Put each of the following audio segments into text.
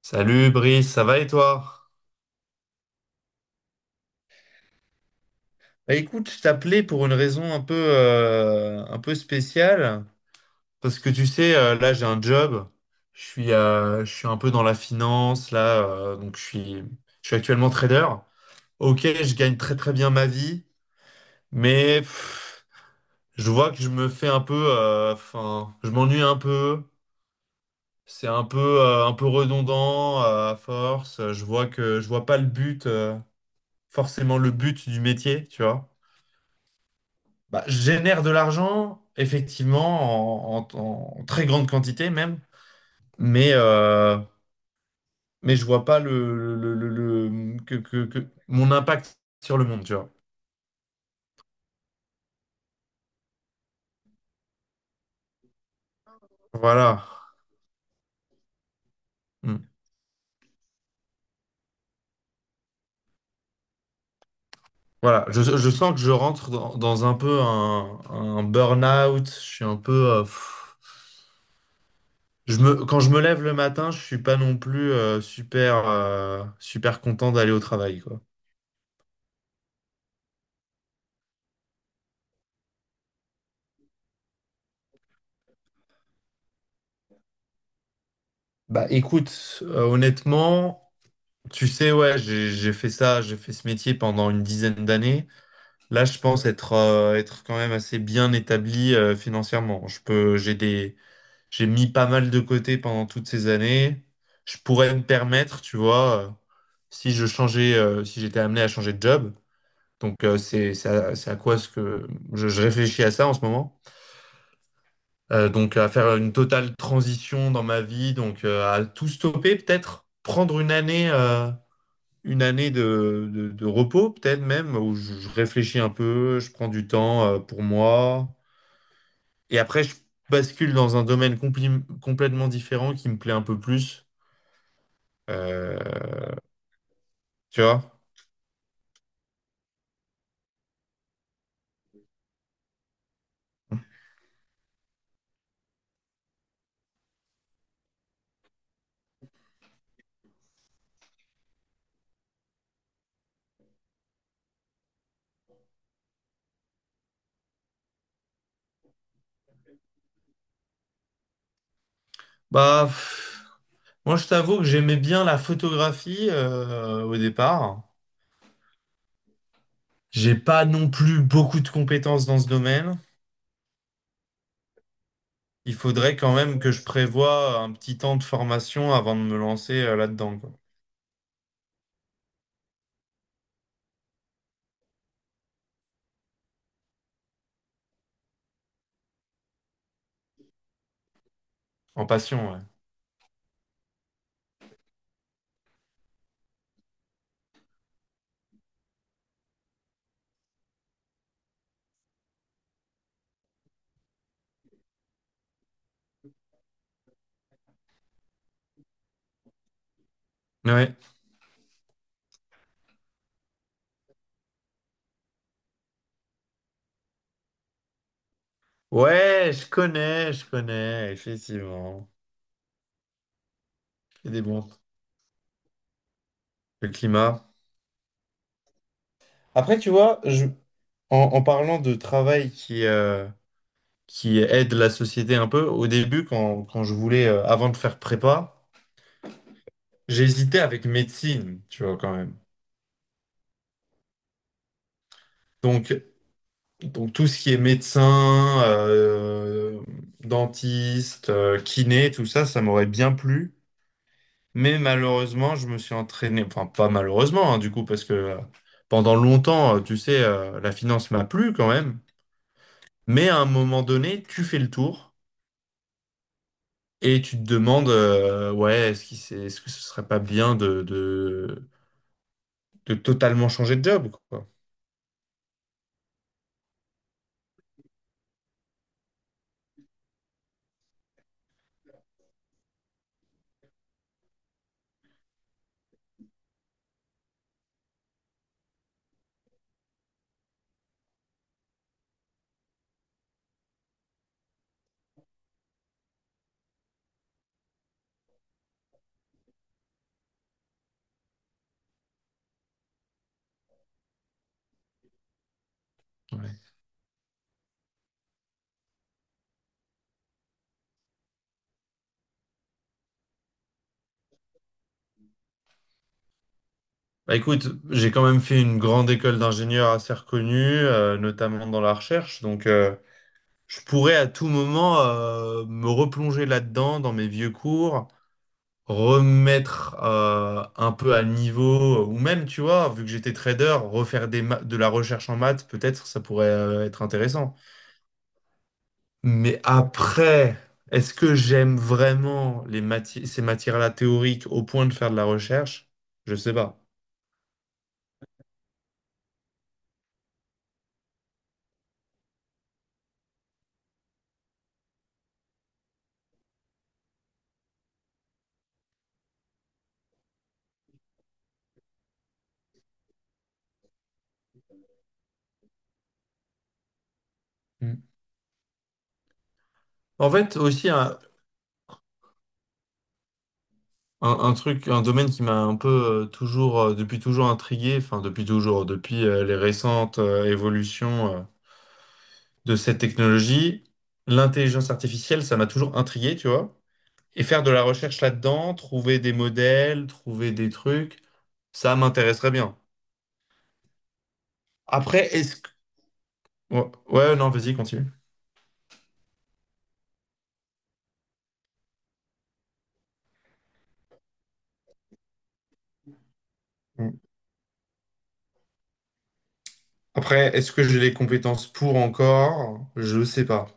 Salut Brice, ça va et toi? Bah, écoute, je t'appelais pour une raison un peu spéciale. Parce que tu sais, là j'ai un job, je suis un peu dans la finance, donc je suis actuellement trader. Ok, je gagne très très bien ma vie, mais je vois que je me fais un peu, enfin, je m'ennuie un peu, c'est un peu redondant, à force, je vois pas le but, forcément le but du métier, tu vois. Bah, je génère de l'argent, effectivement, en très grande quantité même, mais, euh, mais je vois pas mon impact sur le monde, tu vois. Voilà. Mm. Voilà. Je sens que je rentre dans un peu un burn-out. Je suis un peu. Pff. Quand je me lève le matin, je suis pas non plus super, super content d'aller au travail, quoi. Bah écoute, honnêtement. Tu sais, ouais, j'ai fait ça, j'ai fait ce métier pendant une dizaine d'années. Là, être quand même assez bien établi financièrement. Je peux, j'ai des, j'ai mis pas mal de côté pendant toutes ces années. Je pourrais me permettre, tu vois, si je changeais, si j'étais amené à changer de job. Donc, c'est à quoi ce que je réfléchis à ça en ce moment. Donc, à faire une totale transition dans ma vie, donc à tout stopper peut-être, prendre une année. Une année de repos, peut-être même, où je réfléchis un peu, je prends du temps pour moi. Et après, je bascule dans un domaine complètement différent qui me plaît un peu plus. Euh, tu vois? Bah, pff, moi, je t'avoue que j'aimais bien la photographie au départ. J'ai pas non plus beaucoup de compétences dans ce domaine. Il faudrait quand même que je prévoie un petit temps de formation avant de me lancer là-dedans, quoi. En passion, ouais. Ouais. Ouais, je connais, effectivement. C'est des bons. Le climat. Après, tu vois, en, en parlant de travail qui aide la société un peu, au début, quand je voulais, avant de faire prépa, j'hésitais avec médecine, tu vois, quand même. Donc, donc tout ce qui est médecin, dentiste, kiné, tout ça, ça m'aurait bien plu. Mais malheureusement, je me suis entraîné, enfin pas malheureusement, hein, du coup, parce que pendant longtemps, tu sais, la finance m'a plu quand même. Mais à un moment donné, tu fais le tour et tu te demandes, ouais, est-ce que ce serait pas bien de totalement changer de job, quoi. Ouais. Bah, écoute, j'ai quand même fait une grande école d'ingénieur assez reconnue, notamment dans la recherche, donc je pourrais à tout moment me replonger là-dedans, dans mes vieux cours remettre un peu à niveau, ou même, tu vois, vu que j'étais trader, refaire de la recherche en maths, peut-être ça pourrait être intéressant. Mais après, est-ce que j'aime vraiment ces matières-là théoriques au point de faire de la recherche? Je sais pas. Mm. En fait, aussi, un truc, un domaine qui m'a un peu toujours, depuis toujours intrigué, enfin, depuis toujours, depuis les récentes évolutions. De cette technologie. L'intelligence artificielle, ça m'a toujours intrigué, tu vois. Et faire de la recherche là-dedans, trouver des modèles, trouver des trucs, ça m'intéresserait bien. Après, est-ce que... Ouais, ouais, non, vas-y, continue. Mm. Après, est-ce que j'ai les compétences pour encore? Je sais pas.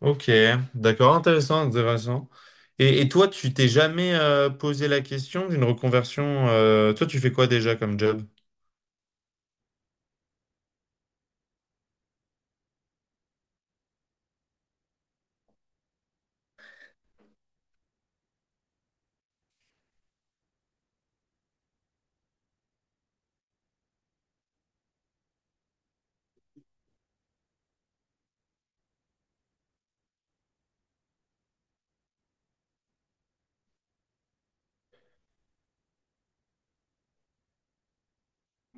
Ok, d'accord, intéressant, intéressant. Et toi, tu t'es jamais posé la question d'une reconversion Toi, tu fais quoi déjà comme job?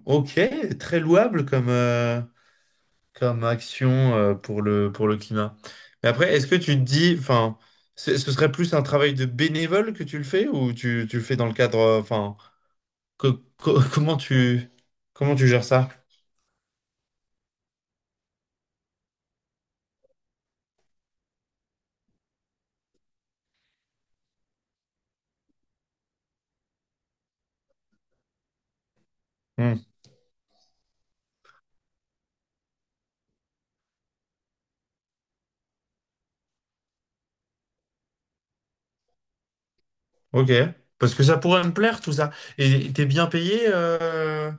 Ok, très louable comme, comme action pour le climat. Mais après, est-ce que tu te dis, enfin, ce ce serait plus un travail de bénévole que tu le fais ou tu le fais dans le cadre, enfin, co- co- comment tu, comment tu gères ça? Hmm, ok. Parce que ça pourrait me plaire tout ça. Et t'es bien payé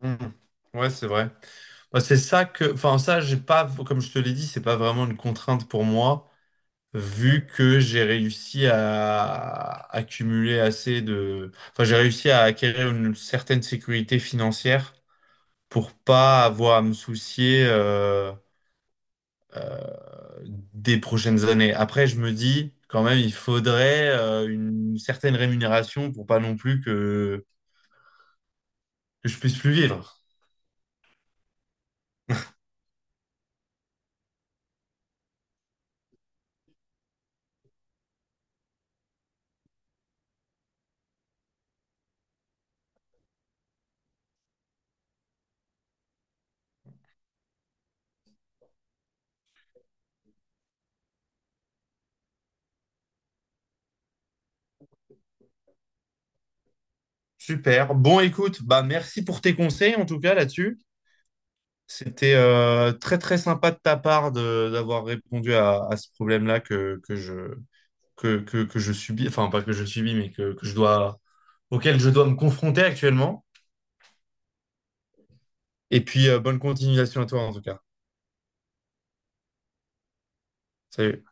hmm, Ouais, c'est vrai. Moi, c'est ça que, enfin, ça, j'ai pas, comme je te l'ai dit, c'est pas vraiment une contrainte pour moi. Vu que j'ai réussi à accumuler assez de... Enfin, j'ai réussi à acquérir une certaine sécurité financière pour pas avoir à me soucier des prochaines années. Après, je me dis, quand même, il faudrait une certaine rémunération pour pas non plus que je puisse plus vivre. Super. Bon, écoute, bah merci pour tes conseils en tout cas là-dessus. C'était très très sympa de ta part de d'avoir répondu à ce problème-là que je subis, enfin pas que je subis, mais que je dois, auquel je dois me confronter actuellement. Et puis, bonne continuation à toi en tout cas. Salut.